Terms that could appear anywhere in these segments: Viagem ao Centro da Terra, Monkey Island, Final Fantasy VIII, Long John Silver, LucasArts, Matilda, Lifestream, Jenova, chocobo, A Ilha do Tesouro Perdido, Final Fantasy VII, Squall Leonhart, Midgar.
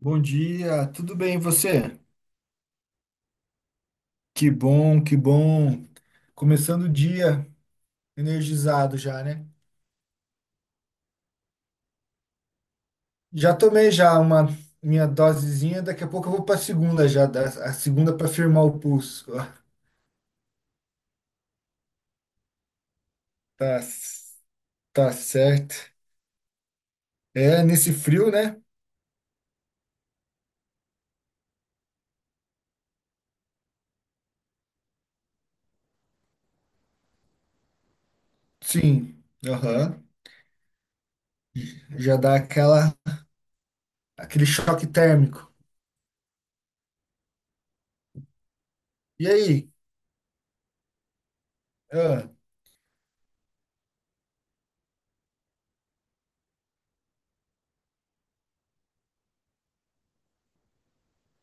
Bom dia, tudo bem e você? Que bom, que bom. Começando o dia energizado já, né? Já tomei já uma minha dosezinha, daqui a pouco eu vou para a segunda já, a segunda para firmar o pulso. Tá, tá certo. É, nesse frio, né? Sim. Aham. Já dá aquela aquele choque térmico. E aí? Ah,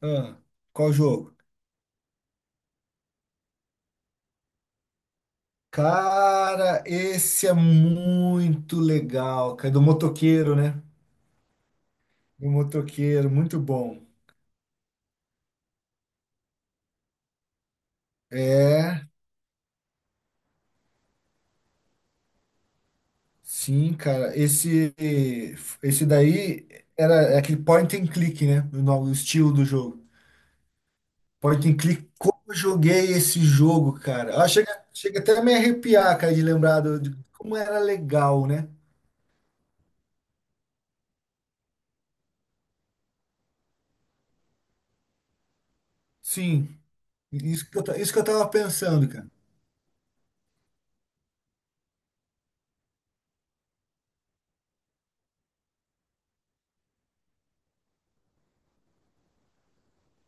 ah, qual jogo? Cara, esse é muito legal, cara, do motoqueiro, né? O motoqueiro, muito bom. Sim, cara, esse daí era é aquele point and click, né? O nome, o estilo do jogo. Point and click, como eu joguei esse jogo, cara. Ah, chega, chega até a me arrepiar, cara, de lembrar de como era legal, né? Sim, isso que eu tava pensando, cara.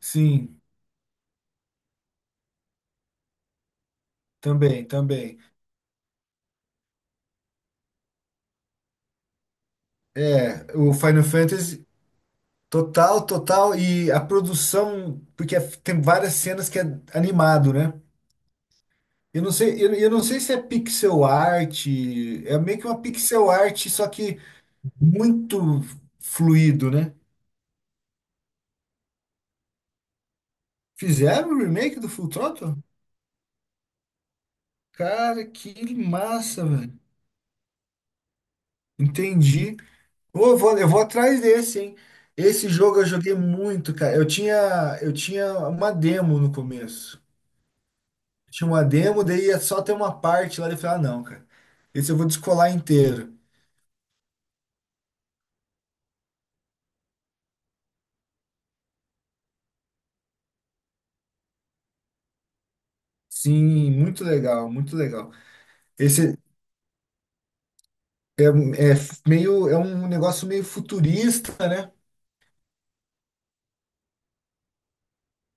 Sim, também, também. É, o Final Fantasy, total, total, e a produção, porque é, tem várias cenas que é animado, né? Eu não sei, eu não sei se é pixel art, é meio que uma pixel art, só que muito fluido, né? Fizeram o remake do Full Throttle? Cara, que massa, velho. Entendi. Ô, eu vou atrás desse, hein? Esse jogo eu joguei muito, cara. Eu tinha uma demo no começo. Tinha uma demo, daí ia só ter uma parte lá, e eu falei, ah, não, cara. Esse eu vou descolar inteiro. Sim, muito legal, muito legal. Esse, É, um- é f- meio, É um negócio meio futurista, né?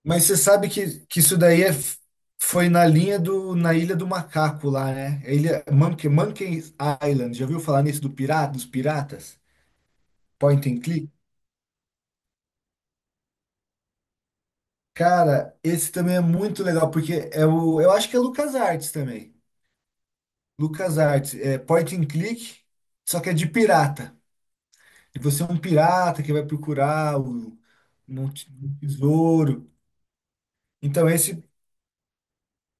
Mas você sabe que isso daí foi na linha na Ilha do Macaco lá, né? A Ilha Monkey, Monkey Island. Já ouviu falar nisso do pirata, dos piratas? Point and click? Cara, esse também é muito legal, porque eu acho que é LucasArts também. LucasArts, é point and click, só que é de pirata. E você é um pirata que vai procurar um tesouro. Então, esse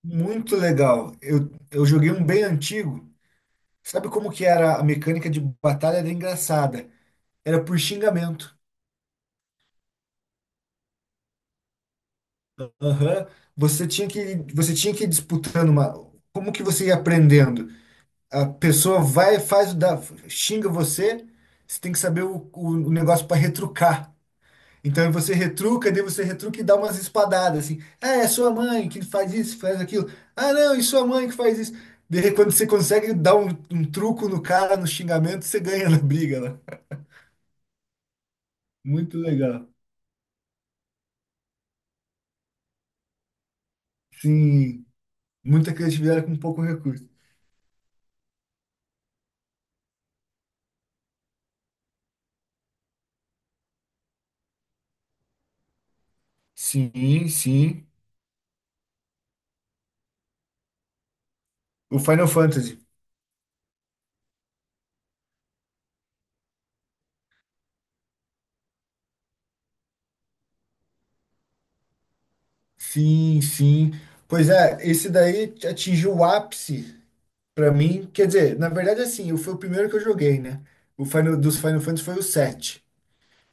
Muito legal. Eu joguei um bem antigo. Sabe como que era a mecânica de batalha? Era engraçada. Era por xingamento. Aham. Você tinha que ir disputando uma. Como que você ia aprendendo? A pessoa vai, faz, xinga você. Você tem que saber o negócio para retrucar. Então você retruca, daí você retruca e dá umas espadadas assim. Ah, é sua mãe que faz isso, faz aquilo. Ah, não, e sua mãe que faz isso. Daí quando você consegue dar um truco no cara, no xingamento, você ganha na briga lá. Muito legal. Sim, muita criatividade com pouco recurso. Sim, sim. O Final Fantasy. Sim, sim. Pois é, esse daí atingiu o ápice pra mim. Quer dizer, na verdade, assim, foi o primeiro que eu joguei, né? Dos Final Fantasy foi o 7.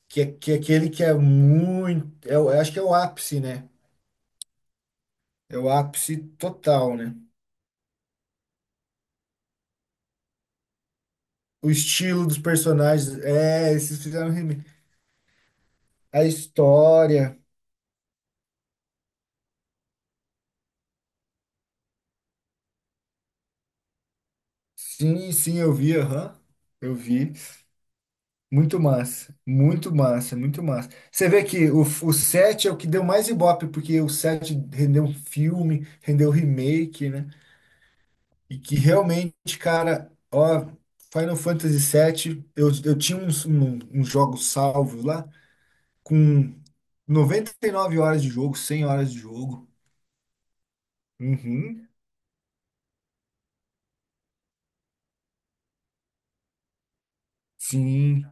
Que é aquele que é muito. É, eu acho que é o ápice, né? É o ápice total, né? O estilo dos personagens. É, esses fizeram a história. Sim, sim, eu vi, aham. Eu vi. Muito massa. Muito massa, muito massa. Você vê que o 7 é o que deu mais ibope, porque o 7 rendeu um filme, rendeu remake, né? E que realmente, cara, ó, Final Fantasy VII, eu tinha uns jogos salvos lá, com 99 horas de jogo, 100 horas de jogo. Uhum. Sim,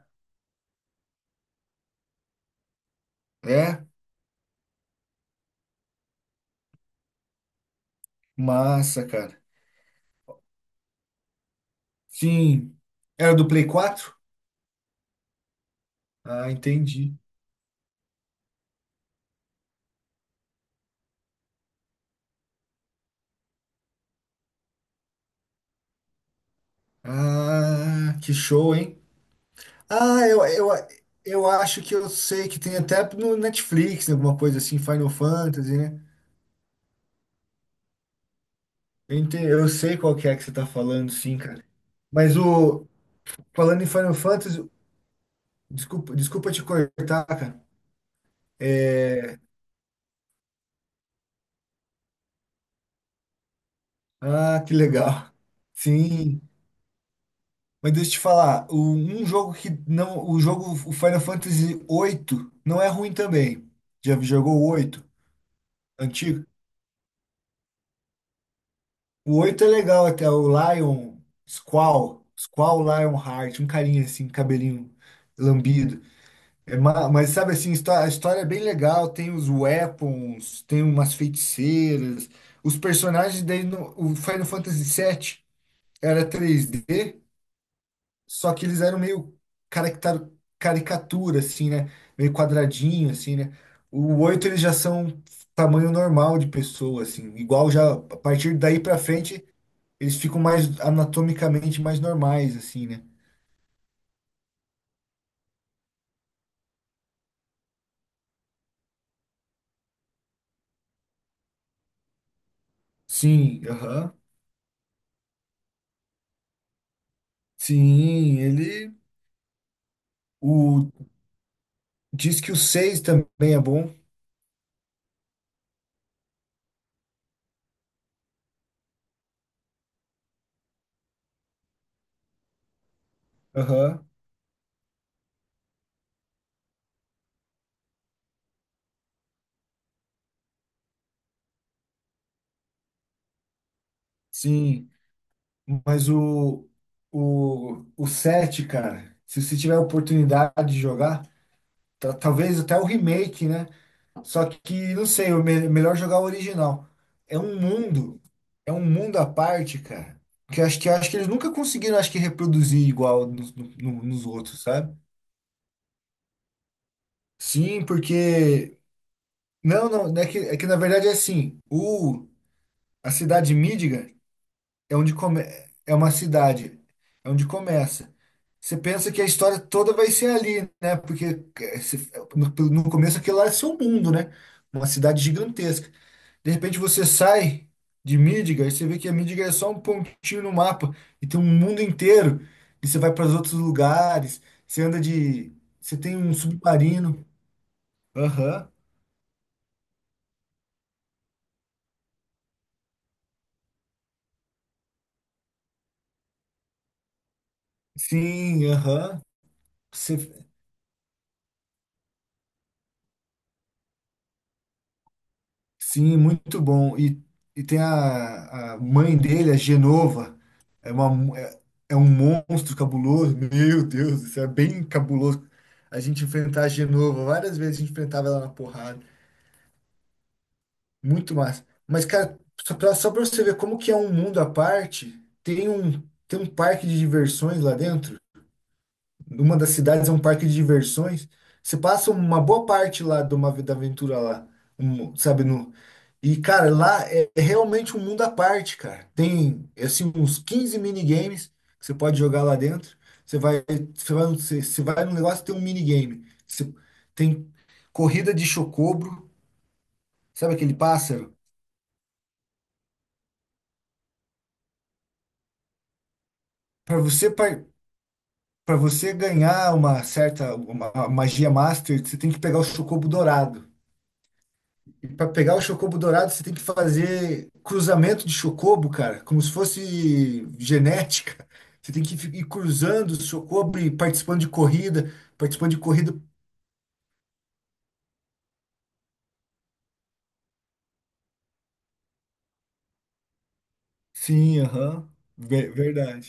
é massa, cara. Sim, era do Play 4. Ah, entendi. Ah, que show, hein? Ah, eu acho que eu sei que tem até no Netflix, né, alguma coisa assim, Final Fantasy, né? Eu sei qual que é que você tá falando, sim, cara. Mas falando em Final Fantasy, desculpa, desculpa te cortar, cara. Ah, que legal. Sim. Mas deixa eu te falar, o- um jogo que não, o jogo, o Final Fantasy oito não é ruim também. Já jogou o oito, antigo? O 8 é legal até, Squall Lionheart, um carinha assim, cabelinho lambido. É, mas sabe assim, a história é bem legal, tem os weapons, tem umas feiticeiras, os personagens daí no, o Final Fantasy sete era 3D. Só que eles eram meio caractar- caricatura, assim, né? Meio quadradinho, assim, né? O 8 eles já são tamanho normal de pessoa, assim. Igual já, a partir daí pra frente, eles ficam mais anatomicamente mais normais, assim, né? Sim, aham. Sim, ele. O, Diz que o 6 também é bom. Aham. Sim. Mas o 7 cara, se você tiver a oportunidade de jogar, talvez até o remake, né? Só que, não sei, o melhor jogar o original. É um mundo, é um mundo à parte, cara. Que eu acho que eles nunca conseguiram, acho que, reproduzir igual nos, no- no- nos outros, sabe? Sim, porque. Não, não, é que na verdade é assim: a cidade de Midgar é onde come, é uma cidade, é onde começa. Você pensa que a história toda vai ser ali, né? Porque no começo aquilo lá é seu mundo, né? Uma cidade gigantesca. De repente você sai de Midgard e você vê que a Midgard é só um pontinho no mapa e tem um mundo inteiro. E você vai para os outros lugares, você anda de. Você tem um submarino. Aham. Sim, aham. Você- Sim, muito bom. E tem a mãe dele, a Genova. É, uma, é, é um monstro cabuloso. Meu Deus, isso é bem cabuloso. A gente enfrentar a Genova, várias vezes a gente enfrentava ela na porrada. Muito massa. Mas, cara, só pra você ver como que é um mundo à parte, tem um, tem um parque de diversões lá dentro. Uma das cidades é um parque de diversões. Você passa uma boa parte lá de uma vida aventura lá, sabe? No, e, cara, lá é realmente um mundo à parte, cara. Tem, assim, uns 15 minigames que você pode jogar lá dentro. Você vai, você vai no negócio tem um minigame. Tem corrida de chocobro, sabe aquele pássaro? Para você par- Para você ganhar uma certa uma magia master, você tem que pegar o chocobo dourado. E para pegar o chocobo dourado, você tem que fazer cruzamento de chocobo, cara, como se fosse genética. Você tem que ir cruzando o chocobo e participando de corrida, participando de corrida. Sim, aham. Verdade.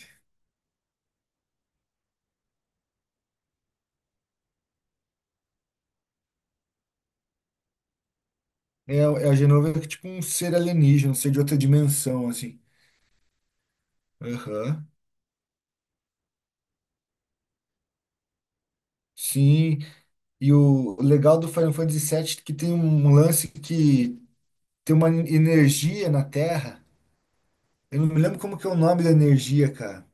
É a Genova é tipo um ser alienígena, um ser de outra dimensão, assim. Aham. Sim. E o legal do Final Fantasy sete é que tem um lance que tem uma energia na Terra. Eu não me lembro como que é o nome da energia, cara.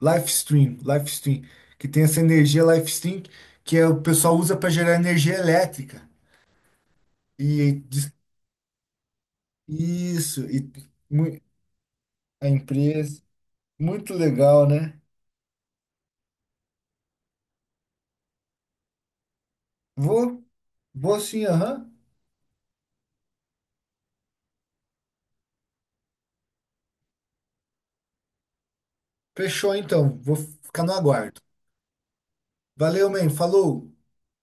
Lifestream, que tem essa energia Lifestream que o pessoal usa para gerar energia elétrica. E isso, e mu- a empresa, muito legal, né? Vou, vou sim, aham. Fechou então, vou ficar no aguardo. Valeu, man, falou.